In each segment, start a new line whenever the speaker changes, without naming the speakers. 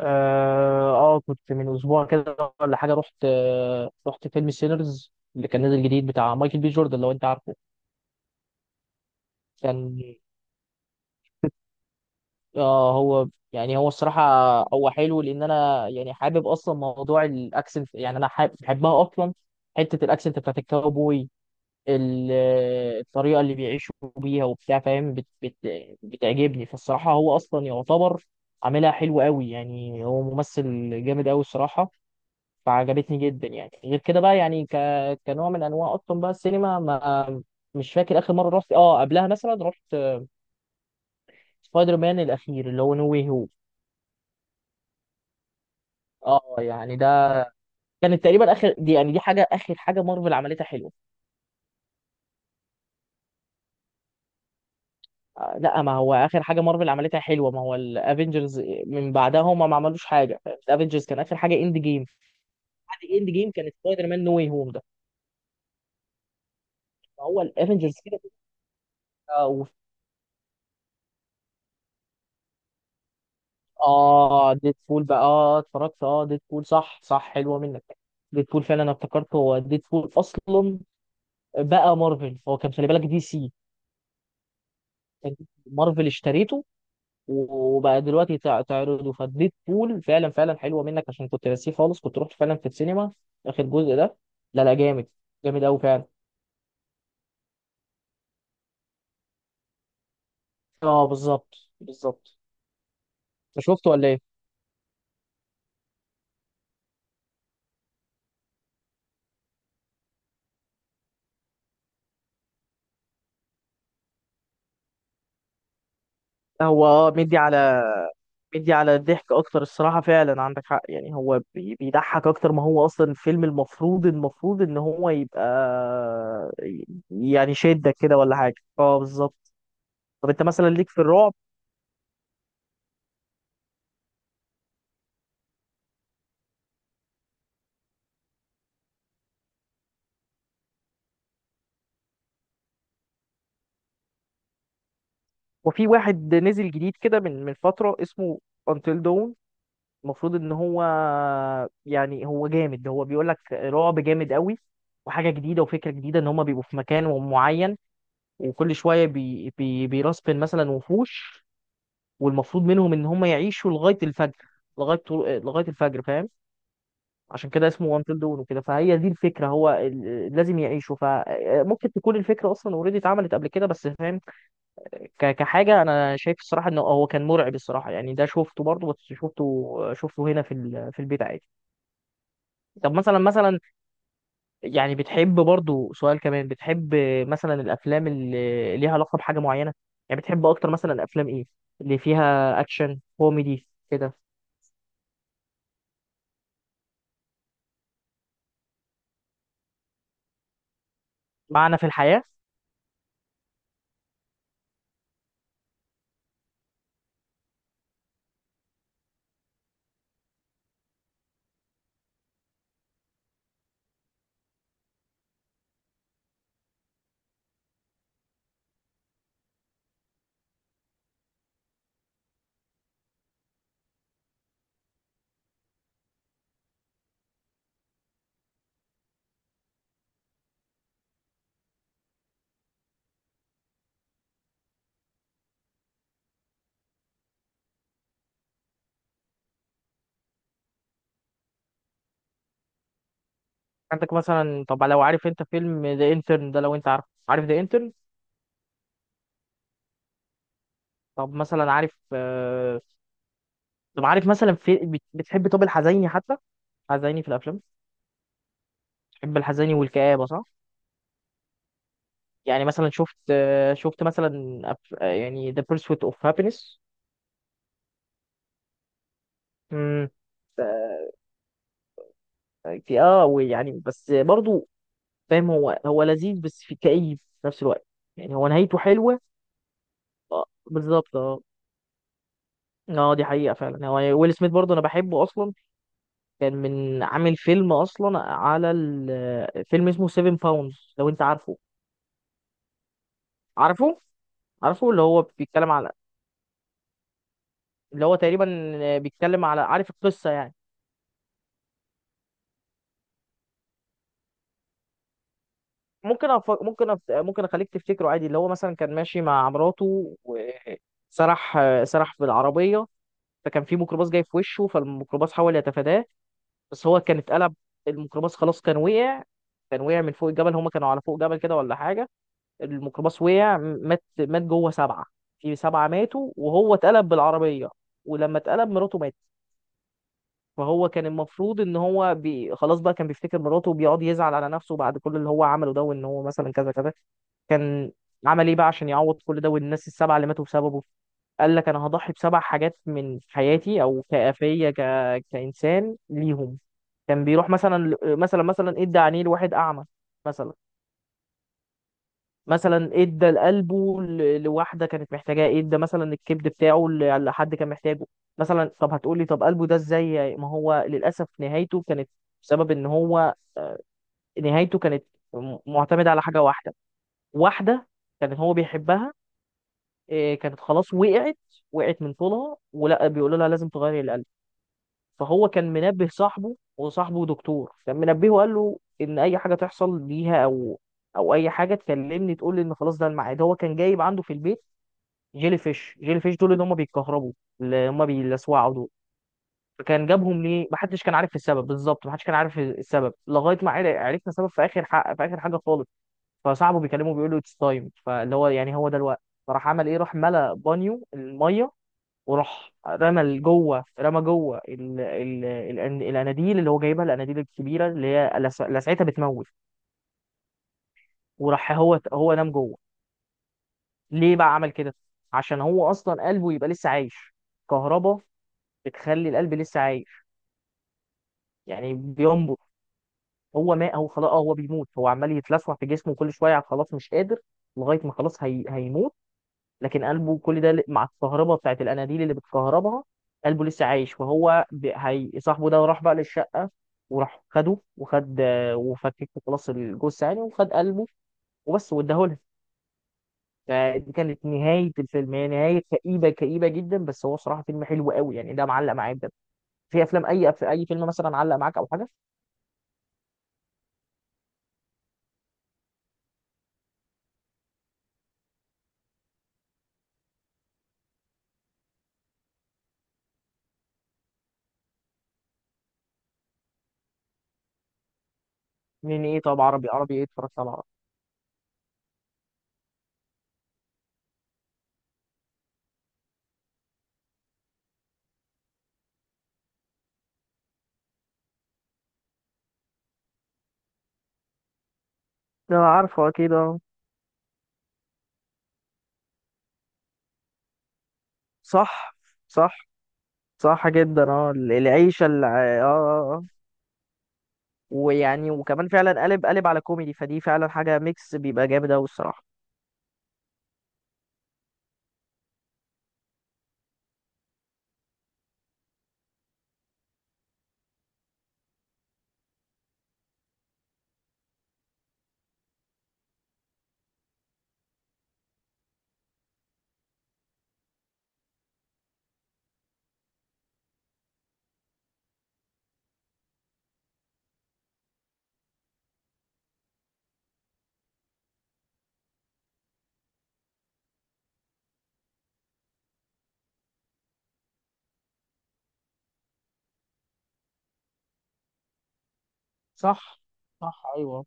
اه، كنت من اسبوع كده ولا حاجه، رحت فيلم سينرز اللي كان نازل جديد بتاع مايكل بي جوردن لو انت عارفه. كان اه هو يعني، هو الصراحه هو حلو، لان انا يعني حابب اصلا موضوع الاكسنت، يعني انا حابب بحبها اصلا، حته الاكسنت بتاعت الكاوبوي، ال- الطريقه اللي بيعيشوا بيها وبتاع فاهم، بت بت بتعجبني فالصراحه. هو اصلا يعتبر عاملها حلو قوي، يعني هو ممثل جامد قوي الصراحه، فعجبتني جدا. يعني غير كده بقى يعني كنوع من انواع اصلا بقى السينما، ما... مش فاكر اخر مره رحت قبلها مثلا. رحت سبايدر مان الاخير اللي هو نو واي هوم، اه يعني ده كانت تقريبا اخر دي، يعني دي حاجه اخر حاجه مارفل عملتها حلوه. آه، لا، ما هو اخر حاجه مارفل عملتها حلوه ما هو الافنجرز، من بعدها هم ما عملوش حاجه. الافنجرز كان اخر حاجه اند جيم، بعد اند جيم كانت سبايدر مان نو واي هوم ده، فهو الافنجرز كده. اه، ديد بول بقى، اه اتفرجت، اه ديد بول، صح صح، حلوه منك. ديد بول فعلا، انا افتكرت هو ديد بول اصلا بقى مارفل، هو كان خلي بالك دي سي. كان مارفل اشتريته، وبقى دلوقتي تعرضه فديد بول. فعلا فعلا حلوه منك، عشان كنت ناسيه خالص كنت رحت فعلا في السينما اخر جزء ده. لا لا، جامد جامد قوي فعلا. اه بالظبط بالظبط. انت شفته ولا ايه؟ هو اه مدي على بيدي على الضحك اكتر الصراحه، فعلا عندك حق. يعني هو بيضحك اكتر ما هو اصلا الفيلم، المفروض ان هو يبقى يعني شدك كده ولا حاجه، اه بالظبط. طب انت مثلا، ليك في الرعب؟ وفي واحد نزل جديد كده من فتره اسمه Until Dawn، المفروض ان هو يعني هو جامد، هو بيقول لك رعب جامد قوي، وحاجه جديده وفكره جديده. ان هما بيبقوا في مكان معين، وكل شويه بي بي بيرسبن مثلا وحوش، والمفروض منهم ان هم يعيشوا لغايه الفجر، لغايه طلوع لغايه الفجر، فاهم. عشان كده اسمه وانتل دون وكده، فهي دي الفكره، هو ال- لازم يعيشوا. فممكن تكون الفكره اصلا اوريدي اتعملت قبل كده بس، فاهم، كحاجه. انا شايف الصراحه انه هو كان مرعب الصراحه، يعني ده شفته برضه، بس شفته شفته هنا في البيت عادي. طب مثلا، يعني بتحب برضه، سؤال كمان، بتحب مثلا الافلام اللي ليها علاقه بحاجه معينه، يعني بتحب اكتر مثلا افلام ايه؟ اللي فيها اكشن كوميدي كده. معنى في الحياة. عندك مثلا، طب لو عارف انت فيلم ذا انترن ده، لو انت عارف، عارف ذا انترن؟ طب مثلا عارف طب عارف مثلا في بتحب طب الحزيني حتى، حزيني في الافلام، بتحب الحزيني والكآبة، صح؟ يعني مثلا شفت، شفت مثلا، يعني The Pursuit of Happiness. امم، في اه آه، ويعني بس برضو فاهم، هو هو لذيذ بس في كئيب في نفس الوقت، يعني هو نهايته حلوه. آه، بالظبط اه. اه دي حقيقه فعلا، يعني هو ويل سميث برضو انا بحبه اصلا، كان من عامل فيلم اصلا على ال- فيلم اسمه 7 باوندز، لو انت عارفه. عارفه عارفه، اللي هو بيتكلم على، اللي هو تقريبا بيتكلم على، عارف القصة يعني؟ ممكن اخليك تفتكره عادي، اللي هو مثلا كان ماشي مع مراته وسرح، سرح بالعربية، فكان في ميكروباص جاي في وشه، فالميكروباص حاول يتفاداه بس هو كان اتقلب. الميكروباص خلاص كان وقع، كان وقع من فوق الجبل، هما كانوا على فوق جبل كده ولا حاجة. الميكروباص وقع، مات جوه 7، في 7 ماتوا، وهو اتقلب بالعربية. ولما اتقلب، مراته ماتت. فهو كان المفروض ان هو خلاص بقى كان بيفتكر مراته، وبيقعد يزعل على نفسه بعد كل اللي هو عمله ده، وان هو مثلا كذا كذا. كان عمل ايه بقى عشان يعوض كل ده والناس السبعة اللي ماتوا بسببه؟ قال لك انا هضحي ب7 حاجات من حياتي او كافيه كانسان ليهم. كان بيروح مثلا، مثلا ادى عينيه لواحد اعمى، مثلا، مثلا ادى لقلبه لواحده كانت محتاجاه، ادى مثلا الكبد بتاعه لحد كان محتاجه. مثلا طب هتقولي طب قلبه ده ازاي؟ ما هو للاسف نهايته كانت بسبب ان هو، نهايته كانت معتمده على حاجه واحده، واحده كان هو بيحبها. كانت خلاص وقعت من طولها، ولا بيقولوا لها لازم تغيري القلب. فهو كان منبه صاحبه، وصاحبه دكتور، كان منبهه وقال له ان اي حاجه تحصل ليها، او او اي حاجه تكلمني تقول لي ان خلاص ده الميعاد. هو كان جايب عنده في البيت جيلي فيش، جيلي فيش دول اللي هم بيتكهربوا، اللي هم بيلسوعوا دول. فكان جابهم ليه محدش كان عارف السبب بالظبط، محدش كان عارف السبب لغايه ما عرفنا سبب في اخر حق، في اخر حاجه خالص. فصاحبه بيكلمه بيقول له اتس تايم، فاللي هو يعني هو ده الوقت. فراح عمل ايه؟ راح ملى بانيو الميه، وراح رمى لجوه، رمى جوه الاناديل اللي هو جايبها، الاناديل الكبيره اللي هي لسعتها بتموت، وراح هو نام جوه. ليه بقى عمل كده؟ عشان هو اصلا قلبه يبقى لسه عايش. كهربا بتخلي القلب لسه عايش يعني بينبض. هو ما هو خلاص هو بيموت، هو عمال يتلسع في جسمه كل شويه، خلاص مش قادر لغايه ما خلاص هيموت، لكن قلبه كل ده مع الكهرباء بتاعت الاناديل اللي بتكهربها قلبه لسه عايش. فهو صاحبه ده راح بقى للشقه وراح خده، وخد وفكك خلاص الجثه يعني، وخد قلبه وبس واداهولها. فدي كانت نهايه الفيلم، هي نهايه كئيبه كئيبه جدا، بس هو صراحه فيلم حلو قوي يعني، ده معلق معايا بجد. في افلام، اي فيلم مثلا علق معاك او حاجه؟ من ايه؟ طب عربي، عربي ايه اتفرجت على عربي؟ ده عارفه اكيد اه. صح صح. صح جدا اه، العيشه اللي اه، آه، آه. ويعني وكمان فعلا قلب على كوميدي فدي، فعلا حاجة ميكس بيبقى جامد أوي الصراحة. صح صح ايوه.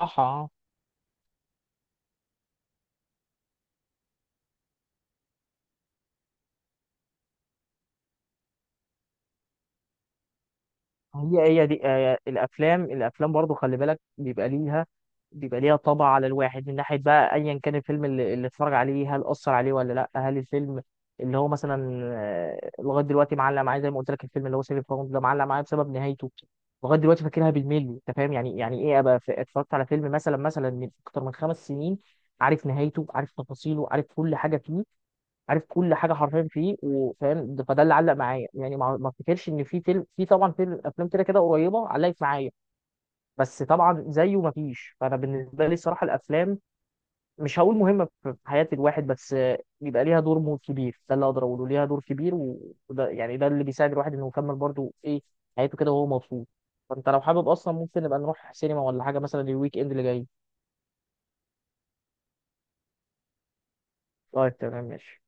صح اه. هي دي الافلام برضو خلي بالك بيبقى ليها طبع على الواحد. من ناحيه بقى، ايا كان الفيلم اللي اتفرج عليه، هل اثر عليه ولا لا؟ هل الفيلم اللي هو مثلا، لغايه دلوقتي معلق معايا زي ما قلت لك، الفيلم اللي هو سيفن فاوند ده، معلق معايا بسبب نهايته، لغايه دلوقتي فاكرها بالملي. انت فاهم يعني، يعني ايه ابقى اتفرجت على فيلم مثلا، من اكتر من 5 سنين، عارف نهايته، عارف تفاصيله، عارف كل حاجه فيه، عارف كل حاجه حرفيا فيه، وفاهم، فده اللي علق معايا يعني. ما افتكرش ان في فيلم، في طبعا فيلم، افلام كده كده قريبه علقت معايا، بس طبعا زيه ما فيش. فانا بالنسبه لي الصراحه، الافلام مش هقول مهمه في في حياه الواحد، بس بيبقى ليها دور كبير، ده اللي اقدر اقوله، ليها دور كبير، وده يعني ده اللي بيساعد الواحد انه يكمل برضه حياته كده وهو مبسوط. فانت لو حابب اصلا ممكن نبقى نروح سينما ولا حاجه مثلا الويك اند اللي جاي. طيب تمام ماشي.